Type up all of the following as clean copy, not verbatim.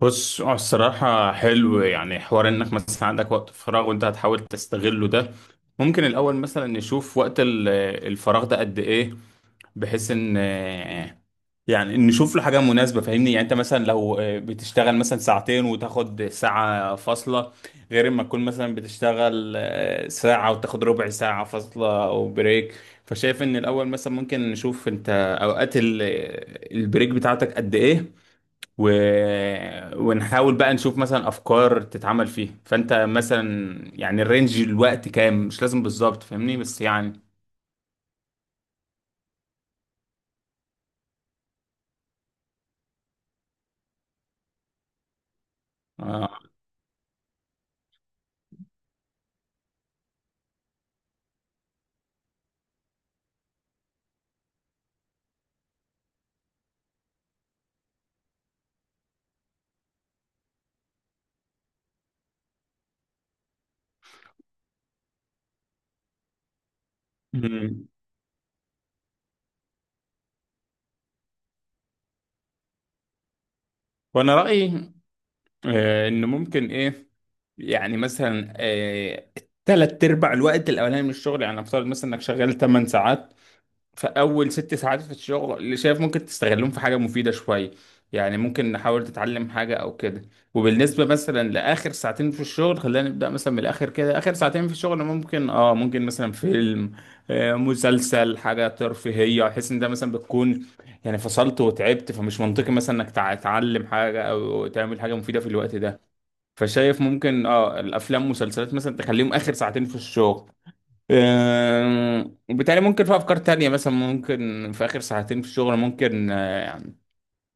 بص، هو الصراحة حلو يعني حوار انك مثلا عندك وقت فراغ وانت هتحاول تستغله ده. ممكن الاول مثلا نشوف وقت الفراغ ده قد ايه، بحيث ان يعني نشوف له حاجة مناسبة. فاهمني يعني انت مثلا لو بتشتغل مثلا 2 ساعة وتاخد ساعة فاصلة، غير ما تكون مثلا بتشتغل ساعة وتاخد ربع ساعة فاصلة او بريك. فشايف ان الاول مثلا ممكن نشوف انت اوقات البريك بتاعتك قد ايه و... ونحاول بقى نشوف مثلا افكار تتعمل فيها. فانت مثلا يعني الرينج الوقت كام؟ مش لازم بالظبط فاهمني بس يعني. آه. مم. وانا رايي ان ممكن ايه، يعني مثلا تلات ارباع الوقت الاولاني من الشغل. يعني افترض مثلا انك شغال 8 ساعات، في أول 6 ساعات في الشغل اللي شايف ممكن تستغلهم في حاجة مفيدة شوية، يعني ممكن نحاول تتعلم حاجة أو كده. وبالنسبة مثلا لآخر 2 ساعة في الشغل، خلينا نبدأ مثلا من الآخر كده، آخر 2 ساعة في الشغل ممكن مثلا فيلم، مسلسل، حاجة ترفيهية. أحس إن ده مثلا بتكون يعني فصلت وتعبت، فمش منطقي مثلا إنك تتعلم حاجة أو تعمل حاجة مفيدة في الوقت ده. فشايف ممكن الأفلام مسلسلات مثلا تخليهم آخر 2 ساعة في الشغل. وبالتالي ممكن في افكار تانية مثلا، ممكن في اخر 2 ساعة في الشغل ممكن يعني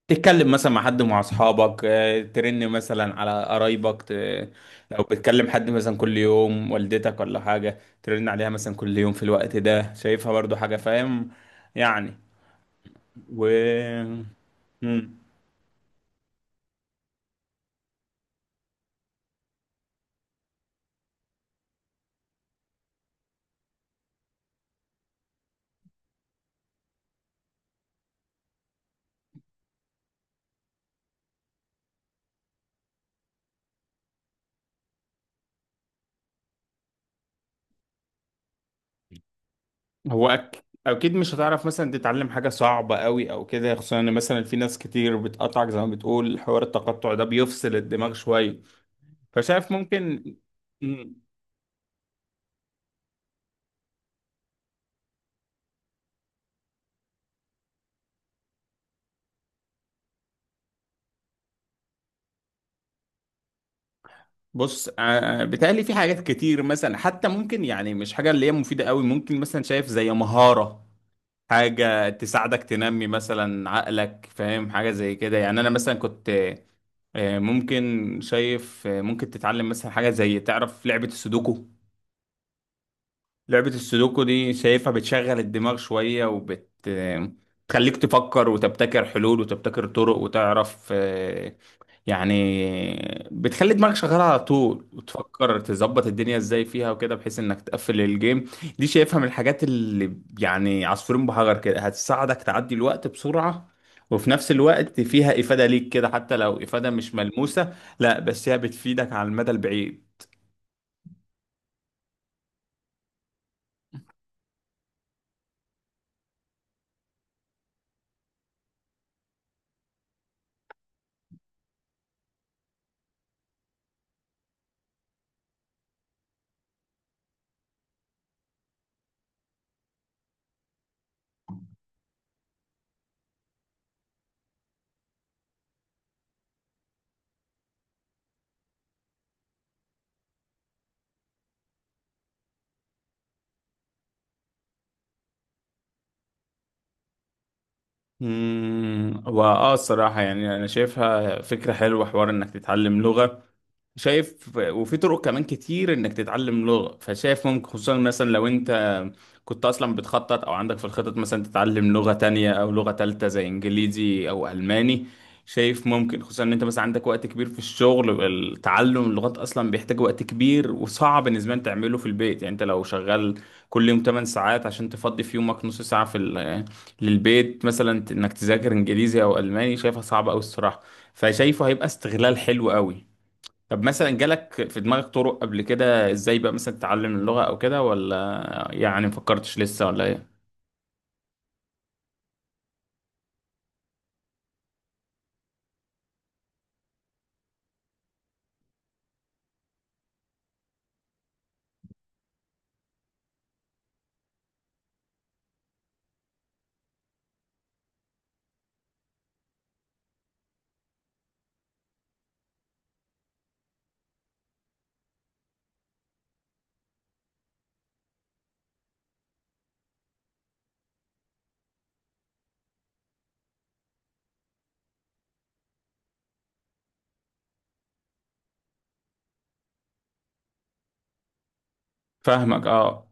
تتكلم مثلا مع حد، مع اصحابك، ترن مثلا على قرايبك لو بتكلم حد مثلا كل يوم، والدتك ولا حاجة، ترن عليها مثلا كل يوم في الوقت ده. شايفها برضو حاجة، فاهم يعني. و مم. هو اكيد مش هتعرف مثلا تتعلم حاجة صعبة قوي او كده، خصوصا ان مثلا في ناس كتير بتقطعك. زي ما بتقول، حوار التقطع ده بيفصل الدماغ شوية. فشايف ممكن مم. بص، بيتهيألي في حاجات كتير مثلا، حتى ممكن يعني مش حاجة اللي هي مفيدة قوي، ممكن مثلا شايف زي مهارة، حاجة تساعدك تنمي مثلا عقلك، فاهم حاجة زي كده. يعني أنا مثلا كنت ممكن شايف ممكن تتعلم مثلا حاجة زي، تعرف لعبة السودوكو؟ لعبة السودوكو دي شايفها بتشغل الدماغ شوية، وبت تخليك تفكر وتبتكر حلول وتبتكر طرق وتعرف يعني بتخلي دماغك شغالة على طول، وتفكر تظبط الدنيا ازاي فيها وكده، بحيث انك تقفل الجيم. دي شايفها من الحاجات اللي يعني عصفورين بحجر كده، هتساعدك تعدي الوقت بسرعة، وفي نفس الوقت فيها إفادة ليك كده، حتى لو إفادة مش ملموسة. لا، بس هي بتفيدك على المدى البعيد. واه، الصراحة يعني انا شايفها فكرة حلوة، حوار انك تتعلم لغة شايف، وفي طرق كمان كتير انك تتعلم لغة. فشايف ممكن خصوصا مثلا لو انت كنت اصلا بتخطط او عندك في الخطط مثلا تتعلم لغة تانية او لغة تالتة زي انجليزي او الماني، شايف ممكن خصوصا ان انت مثلا عندك وقت كبير في الشغل. التعلم اللغات اصلا بيحتاج وقت كبير، وصعب بالنسبة لك تعمله في البيت. يعني انت لو شغال كل يوم 8 ساعات، عشان تفضي في يومك نص ساعة في للبيت مثلا انك تذاكر انجليزي او الماني، شايفها صعبة قوي الصراحة. فشايفه هيبقى استغلال حلو قوي. طب مثلا جالك في دماغك طرق قبل كده ازاي بقى مثلا تتعلم اللغة او كده، ولا يعني مفكرتش لسه ولا ايه؟ فاهمك اه.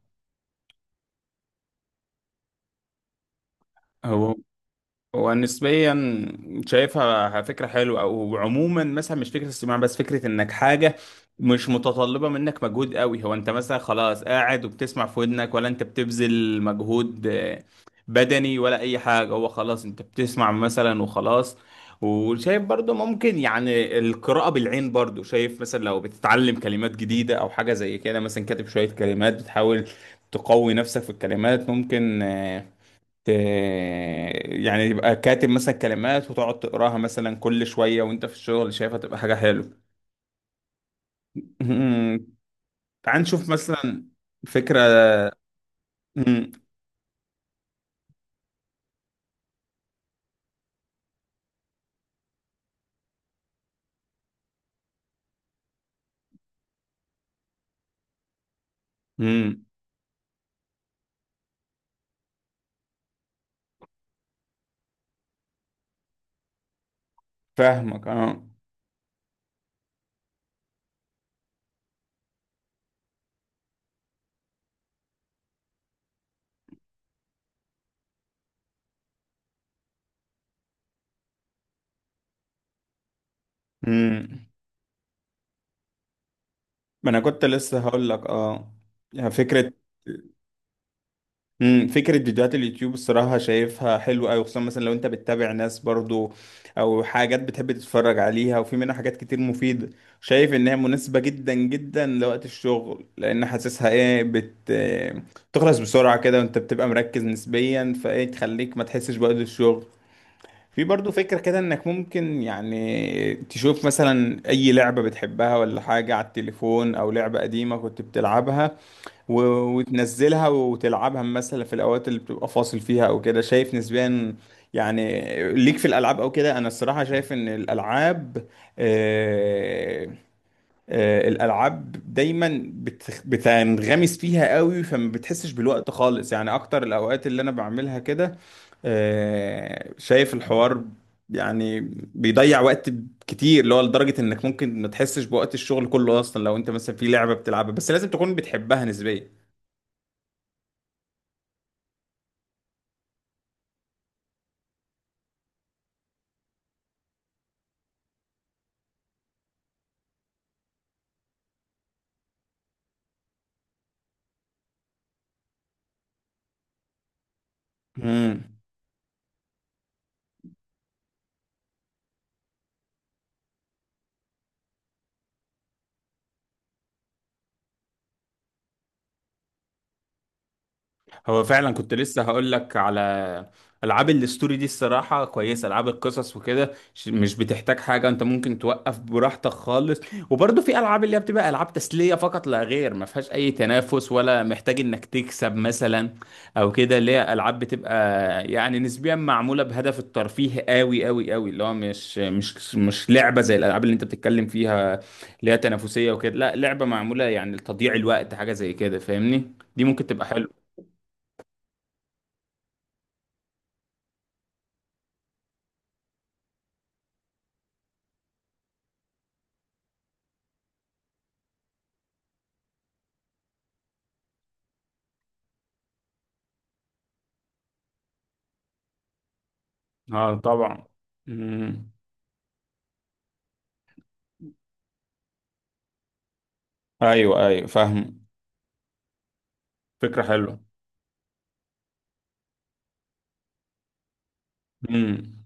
هو ونسبيا شايفها فكرة حلوة، أو عموما مثلا مش فكرة الصياعة بس، فكرة إنك حاجة مش متطلبة منك مجهود قوي. هو أنت مثلا خلاص قاعد وبتسمع في ودنك، ولا أنت بتبذل مجهود بدني ولا أي حاجة؟ هو خلاص أنت بتسمع مثلا وخلاص. وشايف برضو ممكن يعني القراءة بالعين برضو، شايف مثلا لو بتتعلم كلمات جديدة أو حاجة زي كده، مثلا كاتب شوية كلمات بتحاول تقوي نفسك في الكلمات، ت- يعني يبقى كاتب مثلا كلمات وتقعد تقراها مثلا كل شوية وانت في الشغل، شايفها تبقى حاجة حلوة. مم. تعال نشوف مثلا فكرة. مم. مم. فاهمك اه. مم. ما انا كنت لسه هقول لك اه، يعني فكرة فكرة فيديوهات اليوتيوب الصراحة شايفها حلوة أوي، خصوصا مثلا لو أنت بتتابع ناس برضو أو حاجات بتحب تتفرج عليها، وفي منها حاجات كتير مفيدة. شايف إنها مناسبة جدا جدا لوقت الشغل، لأن حاسسها إيه تخلص بسرعة كده وأنت بتبقى مركز نسبيا، فإيه تخليك ما تحسش بوقت الشغل. في برضو فكرة كده إنك ممكن يعني تشوف مثلا أي لعبة بتحبها ولا حاجة على التليفون، أو لعبة قديمة كنت بتلعبها و... وتنزلها وتلعبها مثلا في الاوقات اللي بتبقى فاصل فيها او كده. شايف نسبيا يعني ليك في الالعاب او كده. انا الصراحه شايف ان الالعاب آه... الالعاب دايما بتنغمس فيها قوي فما بتحسش بالوقت خالص، يعني اكتر الاوقات اللي انا بعملها كده. شايف الحوار يعني بيضيع وقت كتير، اللي هو لدرجة انك ممكن ما تحسش بوقت الشغل كله اصلا، لو انت مثلا في لعبة بتلعبها، بس لازم تكون بتحبها نسبيا. مم. هو فعلا كنت لسه هقول لك على العاب الاستوري دي، الصراحه كويسه، العاب القصص وكده، مش بتحتاج حاجه، انت ممكن توقف براحتك خالص. وبرضه في العاب اللي هي بتبقى العاب تسليه فقط لا غير، ما فيهاش اي تنافس ولا محتاج انك تكسب مثلا او كده، اللي هي العاب بتبقى يعني نسبيا معموله بهدف الترفيه قوي قوي قوي، اللي هو مش لعبه زي الالعاب اللي انت بتتكلم فيها اللي هي تنافسيه وكده. لا، لعبه معموله يعني لتضييع الوقت، حاجه زي كده فاهمني. دي ممكن تبقى حلوه. اه طبعا. مم. ايوه ايوه فاهم. فكرة حلوة. مم.